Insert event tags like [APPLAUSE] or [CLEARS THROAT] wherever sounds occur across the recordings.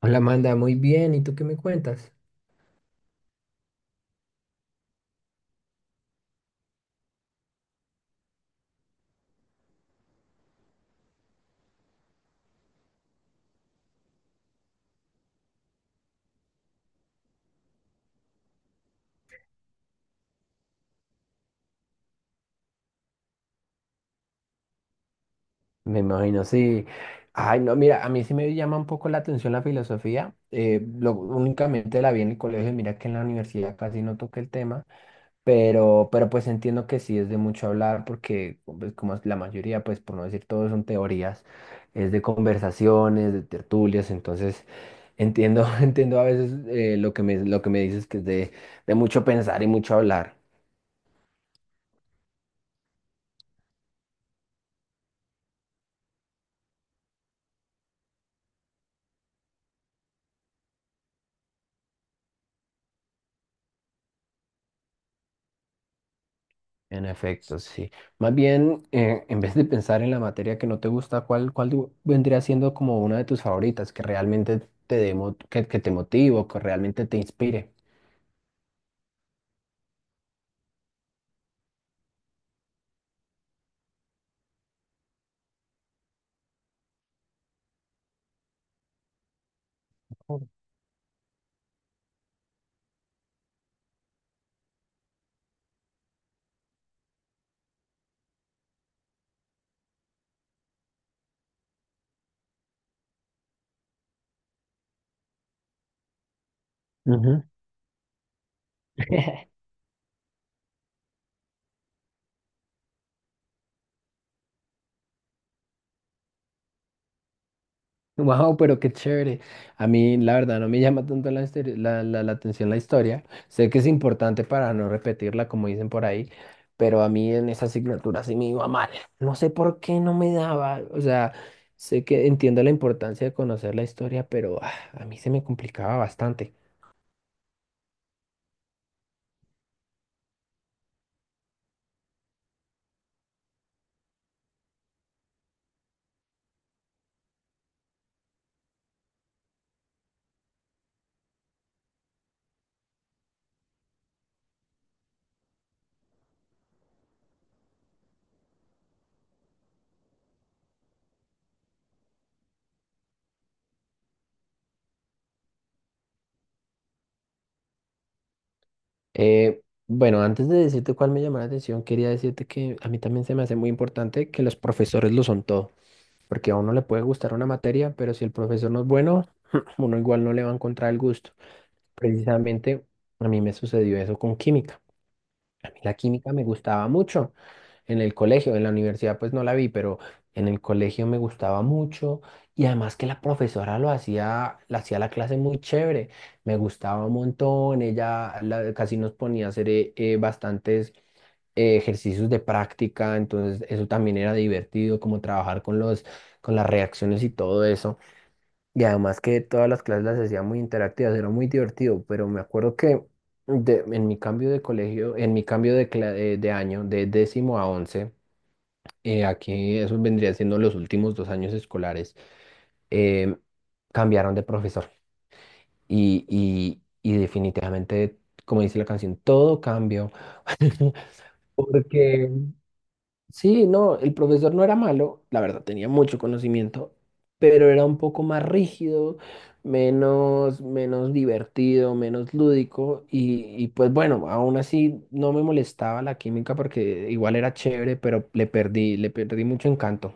Hola Amanda, muy bien. ¿Y tú qué me cuentas? Me imagino, sí. Ay, no, mira, a mí sí me llama un poco la atención la filosofía. Lo, únicamente la vi en el colegio, mira que en la universidad casi no toqué el tema, pero pues entiendo que sí es de mucho hablar porque pues, como la mayoría, pues por no decir todo, son teorías, es de conversaciones, de tertulias, entonces entiendo, [LAUGHS] entiendo a veces lo que me dices que es de mucho pensar y mucho hablar. En efecto, sí. Más bien, en vez de pensar en la materia que no te gusta, ¿cuál, vendría siendo como una de tus favoritas que realmente que te motive o que realmente te inspire? Ujú. [LAUGHS] [LAUGHS] Wow, pero qué chévere. A mí, la verdad, no me llama tanto la, la, la atención la historia. Sé que es importante para no repetirla, como dicen por ahí, pero a mí en esa asignatura sí me iba mal. No sé por qué no me daba. O sea, sé que entiendo la importancia de conocer la historia, pero ah, a mí se me complicaba bastante. Eh, bueno, antes de decirte cuál me llamó la atención, quería decirte que a mí también se me hace muy importante que los profesores lo son todo, porque a uno le puede gustar una materia, pero si el profesor no es bueno, [CLEARS THROAT] [LAUGHS] uno igual no le va a encontrar el gusto. Precisamente a mí me sucedió eso con química. Mí la química me gustaba mucho en el colegio, en la universidad pues no la vi, pero en el colegio me gustaba mucho, y además que la profesora lo hacía la clase muy chévere, me gustaba un montón, ella casi nos ponía a hacer bastantes ejercicios de práctica, entonces eso también era divertido, como trabajar con los, con las reacciones y todo eso. Y además que todas las clases las hacía muy interactivas, era muy divertido, pero me acuerdo que en mi cambio de colegio, en mi cambio de, de año, de décimo a once, aquí eso vendría siendo los últimos dos años escolares, eh, cambiaron de profesor. Y definitivamente, como dice la canción, todo cambió. [LAUGHS] Porque sí, no, el profesor no era malo, la verdad tenía mucho conocimiento, pero era un poco más rígido, menos divertido, menos lúdico y pues bueno, aún así no me molestaba la química porque igual era chévere, pero le perdí mucho encanto.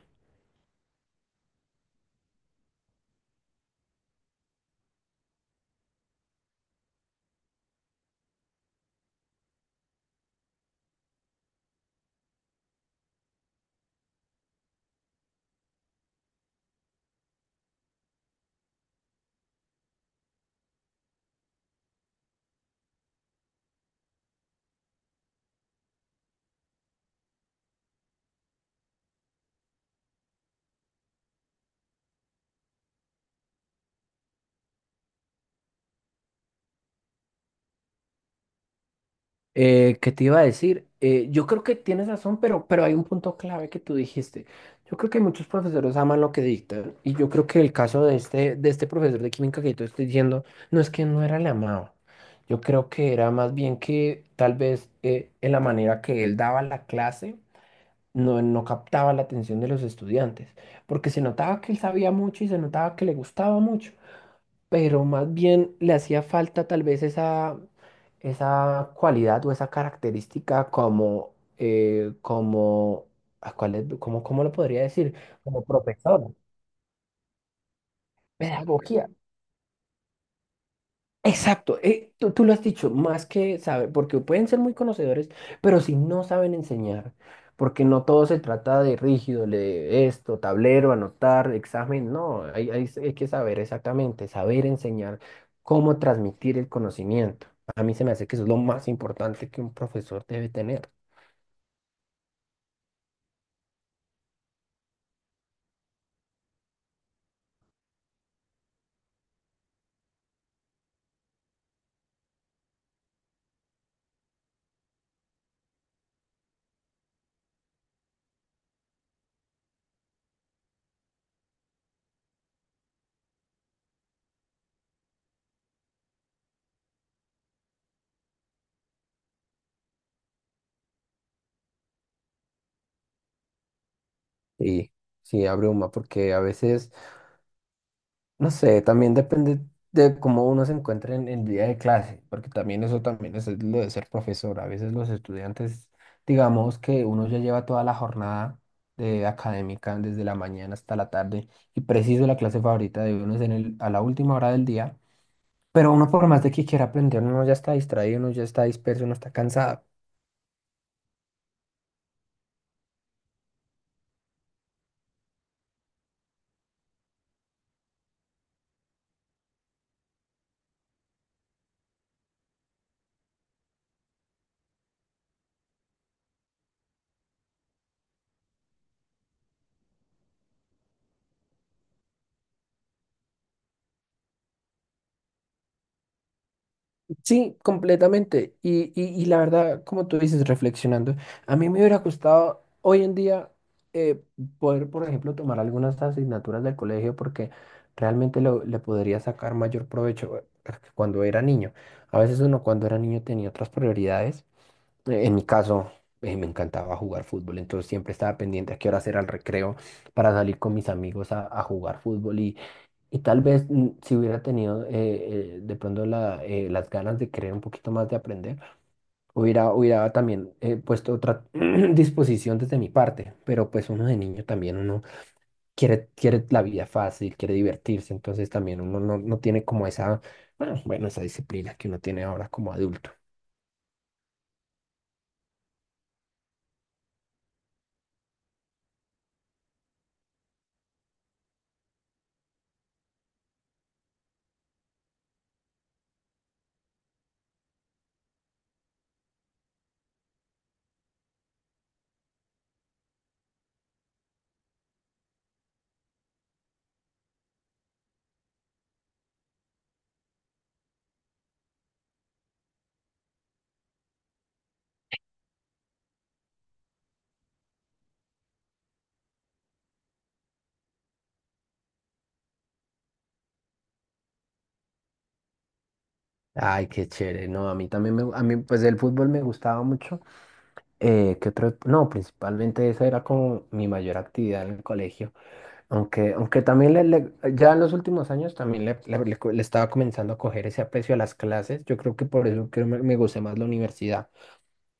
¿Qué te iba a decir? Yo creo que tienes razón, pero hay un punto clave que tú dijiste. Yo creo que muchos profesores aman lo que dictan y yo creo que el caso de este profesor de química que yo te estoy diciendo no es que no era el amado. Yo creo que era más bien que tal vez en la manera que él daba la clase no captaba la atención de los estudiantes, porque se notaba que él sabía mucho y se notaba que le gustaba mucho, pero más bien le hacía falta tal vez esa, esa cualidad o esa característica como, como, ¿a cuál es? Cómo lo podría decir? Como profesor, pedagogía. Exacto, tú lo has dicho, más que saber, porque pueden ser muy conocedores, pero si no saben enseñar, porque no todo se trata de rígido, de esto, tablero, anotar, examen, no, hay que saber exactamente, saber enseñar cómo transmitir el conocimiento. A mí se me hace que eso es lo más importante que un profesor debe tener. Sí, sí, abruma, porque a veces... No sé, también depende de cómo uno se encuentre en el día de clase, porque también eso también es lo de ser profesor. A veces los estudiantes, digamos que uno ya lleva toda la jornada de académica desde la mañana hasta la tarde, y preciso la clase favorita de uno es en el, a la última hora del día, pero uno por más de que quiera aprender, uno ya está distraído, uno ya está disperso, uno está cansado. Sí, completamente. Y la verdad, como tú dices, reflexionando, a mí me hubiera gustado hoy en día eh, poder, por ejemplo, tomar algunas asignaturas del colegio porque realmente le podría sacar mayor provecho cuando era niño. A veces uno cuando era niño tenía otras prioridades. En mi caso, me encantaba jugar fútbol, entonces siempre estaba pendiente a qué hora era el recreo para salir con mis amigos a jugar fútbol y tal vez si hubiera tenido de pronto la, las ganas de querer un poquito más de aprender, hubiera también puesto otra [CLEARS THROAT] disposición desde mi parte, pero pues uno de niño también, uno quiere la vida fácil, quiere divertirse, entonces también uno no, no tiene como esa, bueno, esa disciplina que uno tiene ahora como adulto. Ay, qué chévere. No, a mí también me, a mí pues el fútbol me gustaba mucho. ¿Qué otro? No, principalmente esa era como mi mayor actividad en el colegio. Aunque también ya en los últimos años también le estaba comenzando a coger ese aprecio a las clases. Yo creo que por eso creo me gusté más la universidad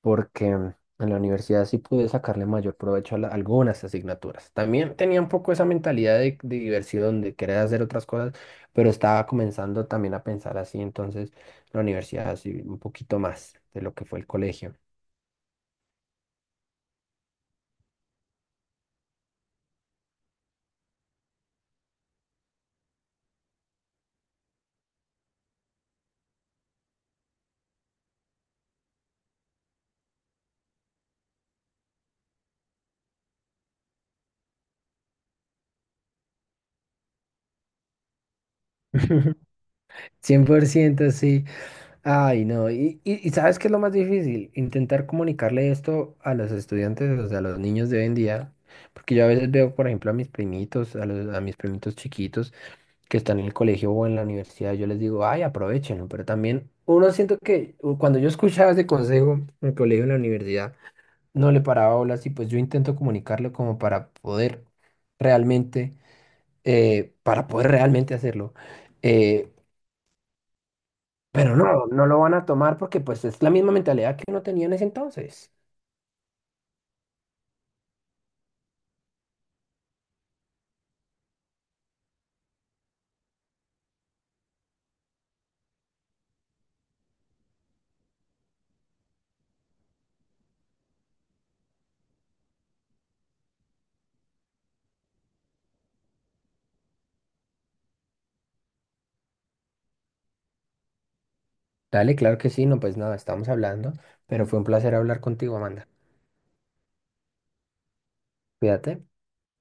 porque en la universidad sí pude sacarle mayor provecho a algunas asignaturas. También tenía un poco esa mentalidad de diversión, de querer hacer otras cosas, pero estaba comenzando también a pensar así, entonces la universidad sí, un poquito más de lo que fue el colegio. [LAUGHS] Cien por ciento sí. Ay, no. Y ¿sabes qué es lo más difícil? Intentar comunicarle esto a los estudiantes, o sea, a los niños de hoy en día. Porque yo a veces veo, por ejemplo, a mis primitos, a, a mis primitos chiquitos, que están en el colegio o en la universidad, yo les digo, ay, aprovechenlo, pero también uno siento que cuando yo escuchaba ese consejo en el colegio, en la universidad, no le paraba olas y pues yo intento comunicarlo como realmente, para poder realmente hacerlo. eh, pero no, no lo van a tomar porque pues es la misma mentalidad que uno tenía en ese entonces. Dale, claro que sí, no, pues nada, estamos hablando, pero fue un placer hablar contigo, Amanda. Cuídate.